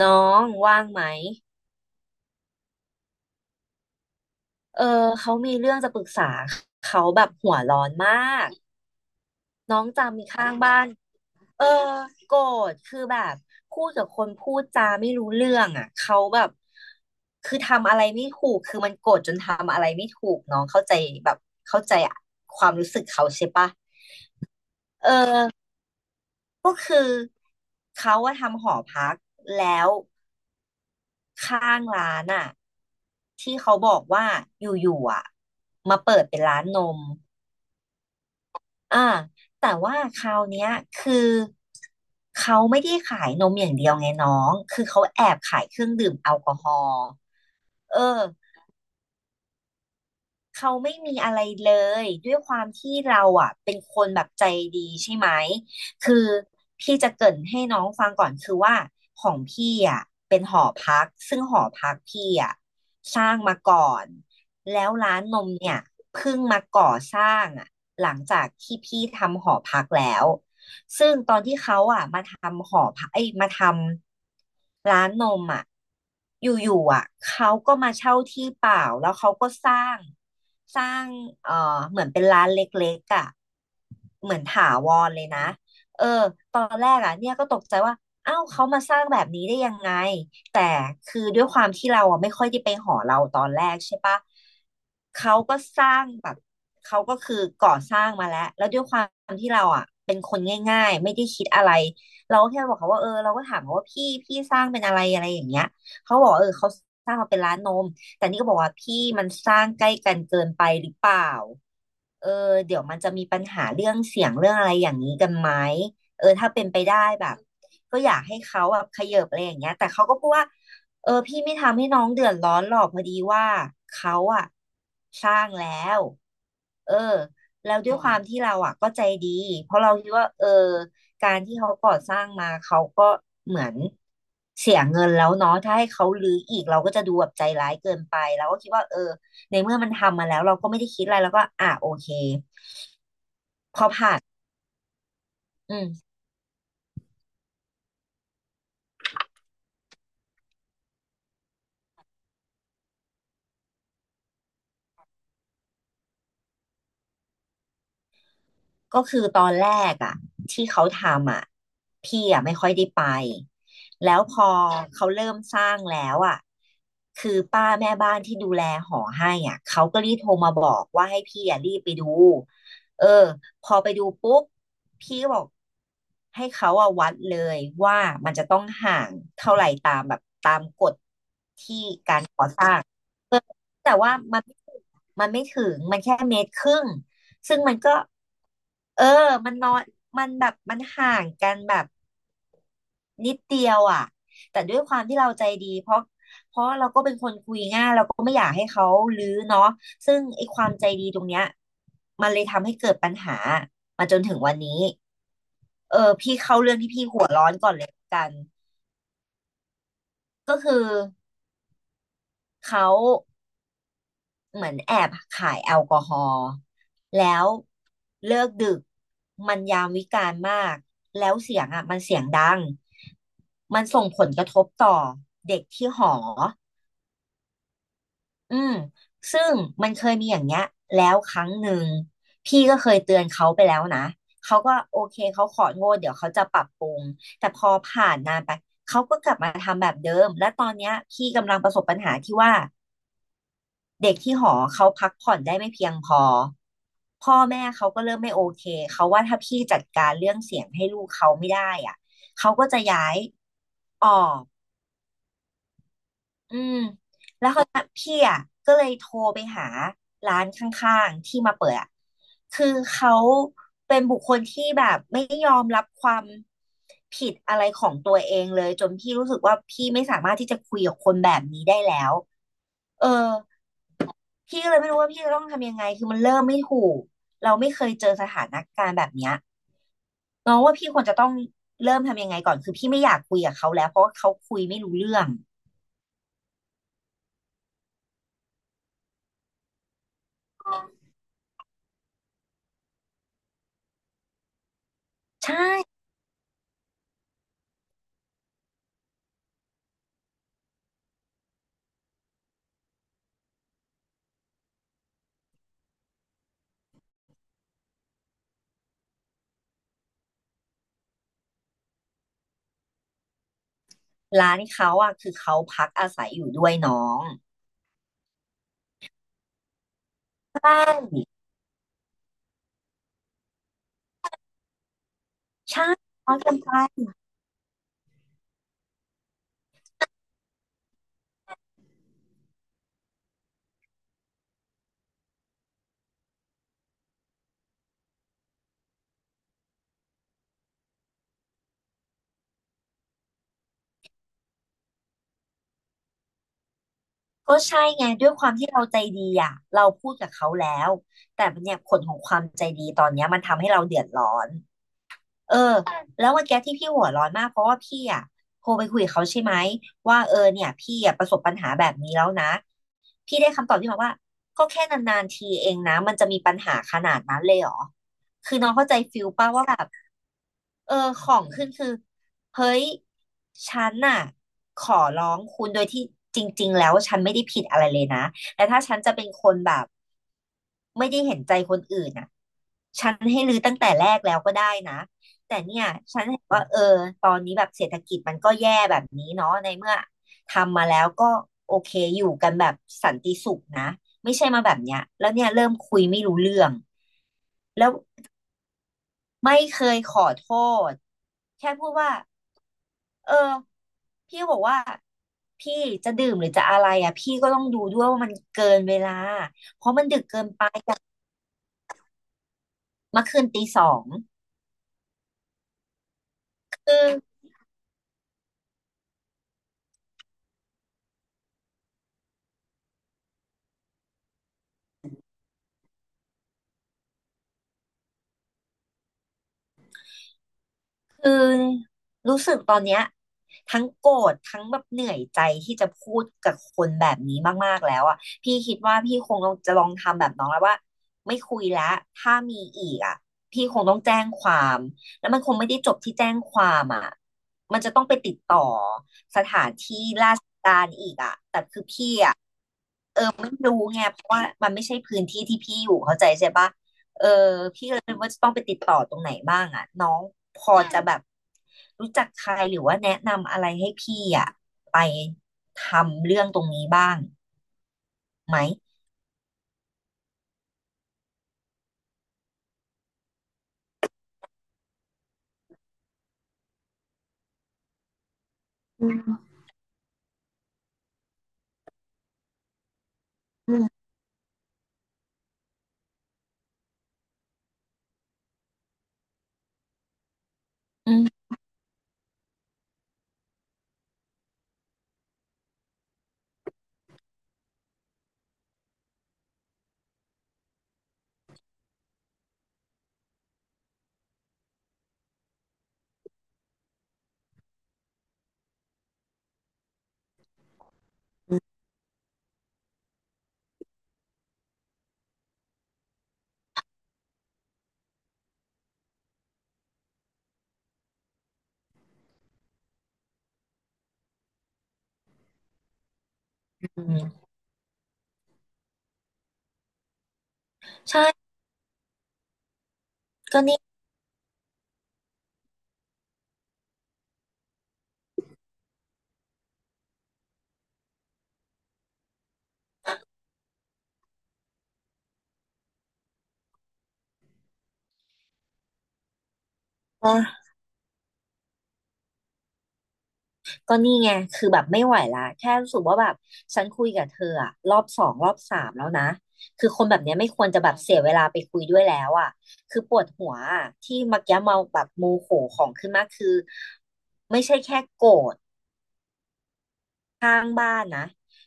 น้องว่างไหมเออเขามีเรื่องจะปรึกษาเขาแบบหัวร้อนมากน้องจำมีข้างบ้านเออโกรธคือแบบพูดกับคนพูดจาไม่รู้เรื่องอ่ะเขาแบบคือทำอะไรไม่ถูกคือมันโกรธจนทำอะไรไม่ถูกน้องเข้าใจแบบเข้าใจความรู้สึกเขาใช่ปะเออก็คือเขาว่าทำหอพักแล้ว ข้างร้านอ่ะที่เขาบอกว่าอยู่ๆอ่ะมาเปิดเป็นร้านนมอ่าแต่ว่าคราวเนี้ยคือเขาไม่ได้ขายนมอย่างเดียวไงน้องคือเขาแอบขายเครื่องดื่มแอลกอฮอล์เออ เขาไม่มีอะไรเลยด้วยความที่เราอ่ะเป็นคนแบบใจดีใช่ไหมคือพี่จะเกริ่นให้น้องฟังก่อนคือว่าของพี่อ่ะเป็นหอพักซึ่งหอพักพี่อ่ะสร้างมาก่อนแล้วร้านนมเนี่ยเพิ่งมาก่อสร้างอ่ะหลังจากที่พี่ทำหอพักแล้ว ซึ่งตอนที่เขาอ่ะมาทำหอพักไอ้ยมาทำร้านนมอ่ะอยู่ๆอ่ะเขาก็มาเช่าที่เปล่าแล้วเขาก็สร้างสร้างเอ่อเหมือนเป็นร้านเล็กๆอ่ะเหมือนถาวรเลยนะเออตอนแรกอ่ะเนี่ยก็ตกใจว่าเอ้าวเขามาสร้างแบบนี้ได้ยังไง แต่คือด้วยความที่เราอะไม่ค่อยได้ไปหอเราตอนแรกใช่ปะเขาก็สร้างแบบเขาก็คือก่อสร้างมาแล้วแล้วด้วยความที่เราอ่ะเป็นคนง่ายๆไม่ได้คิดอะไรเราก็แค่บอกเขาว่าเออเราก็ถามเขาว่าพี่สร้างเป็นอะไรอะไรอย่างเงี้ยเขาบอกว่าเออเขาสร้างมาเป็นร้านนมแต่นี่ก็บอกว่าพี่มันสร้างใกล้กันเกินไปหรือเปล่าเออเดี๋ยวมันจะมีปัญหาเรื่องเสียงเรื่องอะไรอย่างนี้กันไหมเออถ้าเป็นไปได้แบบ ก็อยากให้เขาแบบเขยิบอะไรอย่างเงี้ยแต่เขาก็พูดว่าเออพี่ไม่ทำให้น้องเดือดร้อนหรอกพอดีว่าเขาอะสร้างแล้วเออแล้วด้วยความที่เราอะก็ใจดีเพราะเราคิดว่าเออการที่เขาก่อสร้างมาเขาก็เหมือนเสียเงินแล้วเนาะถ้าให้เขารื้ออีกเราก็จะดูแบบใจร้ายเกินไปเราก็คิดว่าเออในเมื่อมันทำมาแล้วเราก็ไม่ได้คิดอะไรแล้วก็อ่ะโอเคอืม ก็คือตอนแรกอ่ะที่เขาทำอ่ะพี่อ่ะไม่ค่อยได้ไปแล้วพอเขาเริ่มสร้างแล้วอ่ะคือป้าแม่บ้านที่ดูแลหอให้อ่ะเขาก็รีบโทรมาบอกว่าให้พี่อ่ะรีบไปดูเออพอไปดูปุ๊บพี่ก็บอกให้เขาอ่ะวัดเลยว่ามันจะต้องห่างเท่าไหร่ตามแบบตามกฎแต่ว่ามันไม่ถึงมันแค่เมตรครึ่งซึ่งมันก็ เออมันนอนมันแบบมันห่างกันแบบนิดเดียวอ่ะแต่ด้วยความที่เราใจดี เพราะเราก็ไม่อยากให้เขารื้อเนาะซึ่งไอ้ความใจดีตรงเนี้ยมันเลยทำให้เกิดปัญหามาจนถึงวันนี้เออพี่เข้าเรื่องที่พี่หัวร้อนก่อนเลยละกัน ก็คือเขา เหมือนแอบขายแอลกอฮอล์แล้วเลิกดึกมันยามวิกาลมากแล้วเสียงอ่ะมันเสียงดังมันส่งผลกระทบต่อเด็กที่หออืมซึ่งมันเคยมีอย่างเงี้ยแล้วครั้งหนึ่งพี่ก็เคยเตือนเขาไปแล้วนะเขาก็โอเคเขาของดเดี๋ยวเขาจะปรับปรุงแต่พอผ่านนานไปเขาก็กลับมาทำแบบเดิมและตอนเนี้ยพี่กำลังประสบปัญหาที่ว่าเด็กที่หอเขาพักผ่อนได้ไม่เพียงพอ พ่อแม่เขาก็เริ่มไม่โอเค เขาว่าถ้าพี่จัดการเรื่องเสียงให้ลูกเขาไม่ได้อ่ะเขาก็จะย้ายออก อืมแล้วเขาวนี้พี่อ่ะก็เลยโทรไปหาร้านข้างๆที่มาเปิดอ่ะคือเขาเป็นบุคคลที่แบบไม่ยอมรับความผิดอะไรของตัวเองเลยจนพี่รู้สึกว่าพี่ไม่สามารถที่จะคุยกับคนแบบนี้ได้แล้วเออพี่ก็เลยไม่รู้ว่าพี่จะต้องทำยังไงคือมันเริ่มไม่ถูกเราไม่เคยเจอสถานการณ์แบบเนี้ยน้องว่าพี่ควรจะต้องเริ่มทำยังไงก่อนคือพี่ไม่อยากคุยกับเขาแล้วเพราะว่าเขาคุยไม่รู้เรื่องใช่ ร้านเขาอ่ะคือเขาพักอาศัยอยู่ด้วยน้องใช่ใช่น้องก็ใไปก็ใช่ไงด้วยความที่เราใจดีอ่ะเราพูดกับเขาแล้วแต่เนี่ยผลของความใจดีตอนเนี้ยมันทำให้เราเดือดร้อนเออแล้วเมั่อกที่พี่หัวร้อนมากเพราะว่าพี่อ่ะโทรไปคุยกับเขาใช่ไหมว่าเออเนี่ยพี่อ่ะประสบปัญหาแบบนี้แล้วนะพี่ได้คำตอบที่มาว่าก็แค่นานๆทีเองนะมันจะมีปัญหาขนาดนั้นเลยเหรอคือน้องเข้าใจฟิลป่ะว่าแบบ เออของขึ้นคือเฮ้ยฉันน่ะขอร้องคุณโดยที่จริงๆแล้วฉันไม่ได้ผิดอะไรเลยนะแต่ถ้าฉันจะเป็นคนแบบไม่ได้เห็นใจคนอื่นน่ะฉันให้รื้อตั้งแต่แรกแล้วก็ได้นะแต่เนี่ยฉันเห็นว่าเออตอนนี้แบบเศรษฐกิจมันก็แย่แบบนี้เนาะในเมื่อทำมาแล้วก็โอเคอยู่กันแบบสันติสุขนะไม่ใช่มาแบบเนี้ยแล้วเนี่ยเริ่มคุยไม่รู้เรื่องแล้วไม่เคยขอโทษแค่พูดว่า เออพี่ก็บอกว่าพี่จะดื่มหรือจะอะไรอ่ะพี่ก็ต้องดูด้วยว่ามันเกินเวลาเพราะมันดึกเกินไปเมื่อคืนตีสองคือคือรู้สึกตอนเนี้ยทั้งโกรธทั้งแบบเหนื่อยใจที่จะพูดกับคนแบบนี้มากๆแล้วอ่ะพี่คิดว่าพี่คงต้องจะลองทำแบบน้องแล้วว่าไม่คุยแล้วถ้ามีอีกอ่ะพี่คงต้องแจ้งความแล้วมันคงไม่ได้จบที่แจ้งความอ่ะมันจะต้องไปติดต่อสถานที่ ไม่รู้ไงเพราะว่ามันไม่ใช่พื้นที่ที่พี่อยู่เข้าใจใช่ปะเออพี่ก็เลยไม่รู้ว่าจะต้องไปติดต่อตรงไหนบ้างอ่ะน้องพออืมจะแบบรู้จักใครหรือว่าแนะนำอะไรให้พี่อ่ะไปทำเรื่องตรงนี้บ้างไหมอืมอืมอืมอืมใช่ก็นี่ไง ก็นี่ไง คือแบบไม่ไหวละแค่รู้สึกว่าแบบฉันคุยกับเธออะรอบสองรอบสามแล้วนะ คือคนแบบเนี้ยไม่ควรจะแบบเสียเวลาไปคุยด้วยแล้วอะคือปวดหัวอะที่เมักยะเมาแบบโมโหของขึ้นมากคือไม่ใช่แค่โกรธ ข้างบ้านนะ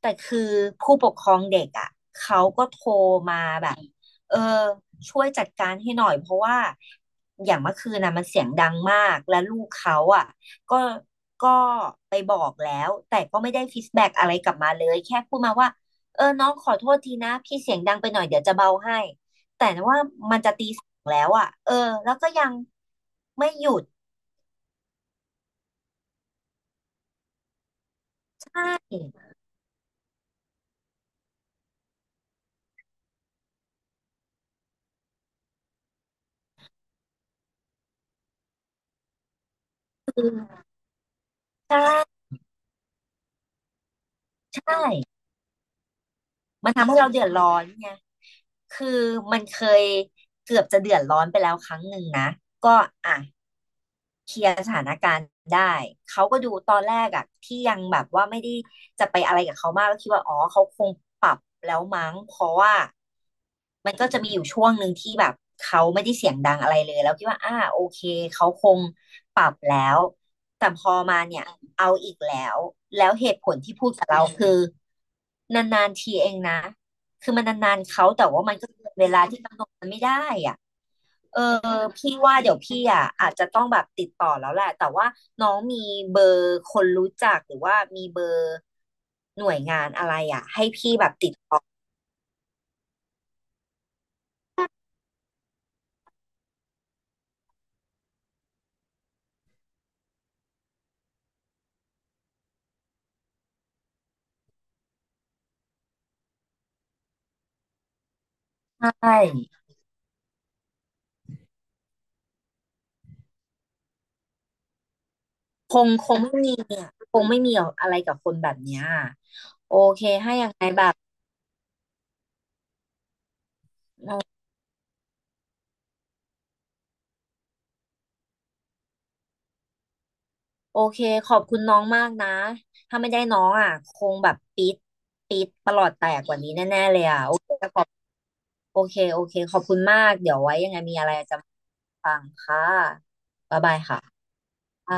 แต่คือผู้ปกครองเด็กอ่ะเขาก็โทรมาแบบเออช่วยจัดการให้หน่อยเพราะว่าอย่างเมื่อคืนนะมันเสียงดังมากและลูกเขาอ่ะก็ก็ไปบอกแล้วแต่ก็ไม่ได้ฟีดแบ็กอะไรกลับมาเลยแค่พูดมาว่าเออน้องขอโทษทีนะพี่เสียงดังไปหน่อยเดี๋ยวจะเบาให้แต่ว่ามันจะตีสองแล้วอ่ะเออแล้วก็ยังไม่หยุดใช่ใช่ใช่ มันทำให้เราเดือดร้อนไงคือมันเคยเกือบจะเดือดร้อนไปแล้วครั้งหนึ่งนะก็อ่ะเคลียร์สถานการณ์ได้เขาก็ดูตอนแรกอะที่ยังแบบว่าไม่ได้จะไปอะไรกับเขามากก็คิดว่าอ๋อเขาคงปรับแล้วมั้งเพราะว่ามันก็จะมีอยู่ช่วงหนึ่งที่แบบเขาไม่ได้เสียงดังอะไรเลยแล้วคิดว่าอ่าโอเคเขาคงปรับแล้วแต่พอมาเนี่ยเอาอีกแล้วแล้วเหตุผลที่พูดกับเราคือนานๆทีเองนะ คือมันนานๆเขาแต่ว่ามันก็เกินเวลาที่กำหนดมันไม่ได้อ่ะเออพี่ว่าเดี๋ยวพี่อ่ะอาจจะต้องแบบติดต่อแล้วแหละแต่ว่าน้องมีเบอร์คนรู้จักหรือว่ามีเบอร์หน่วยงานอะไรอ่ะให้พี่แบบติดใช่คงไม่มีเนี่ยคงไม่มีอะไรกับคนแบบเนี้ยโอเคขอบคุณน้องมากนะถ้าไม่ได้น้องอ่ะคงแบบปี๊ดปี๊ดประหลอดแตกกว่านี้แน่ๆเลยอ่ะโอเคขอบโอเคโอเคขอบคุณมากเดี๋ยวไว้ยังไงมีอะไรจะ ฟังค่ะบ๊ายบายค่ะอ่า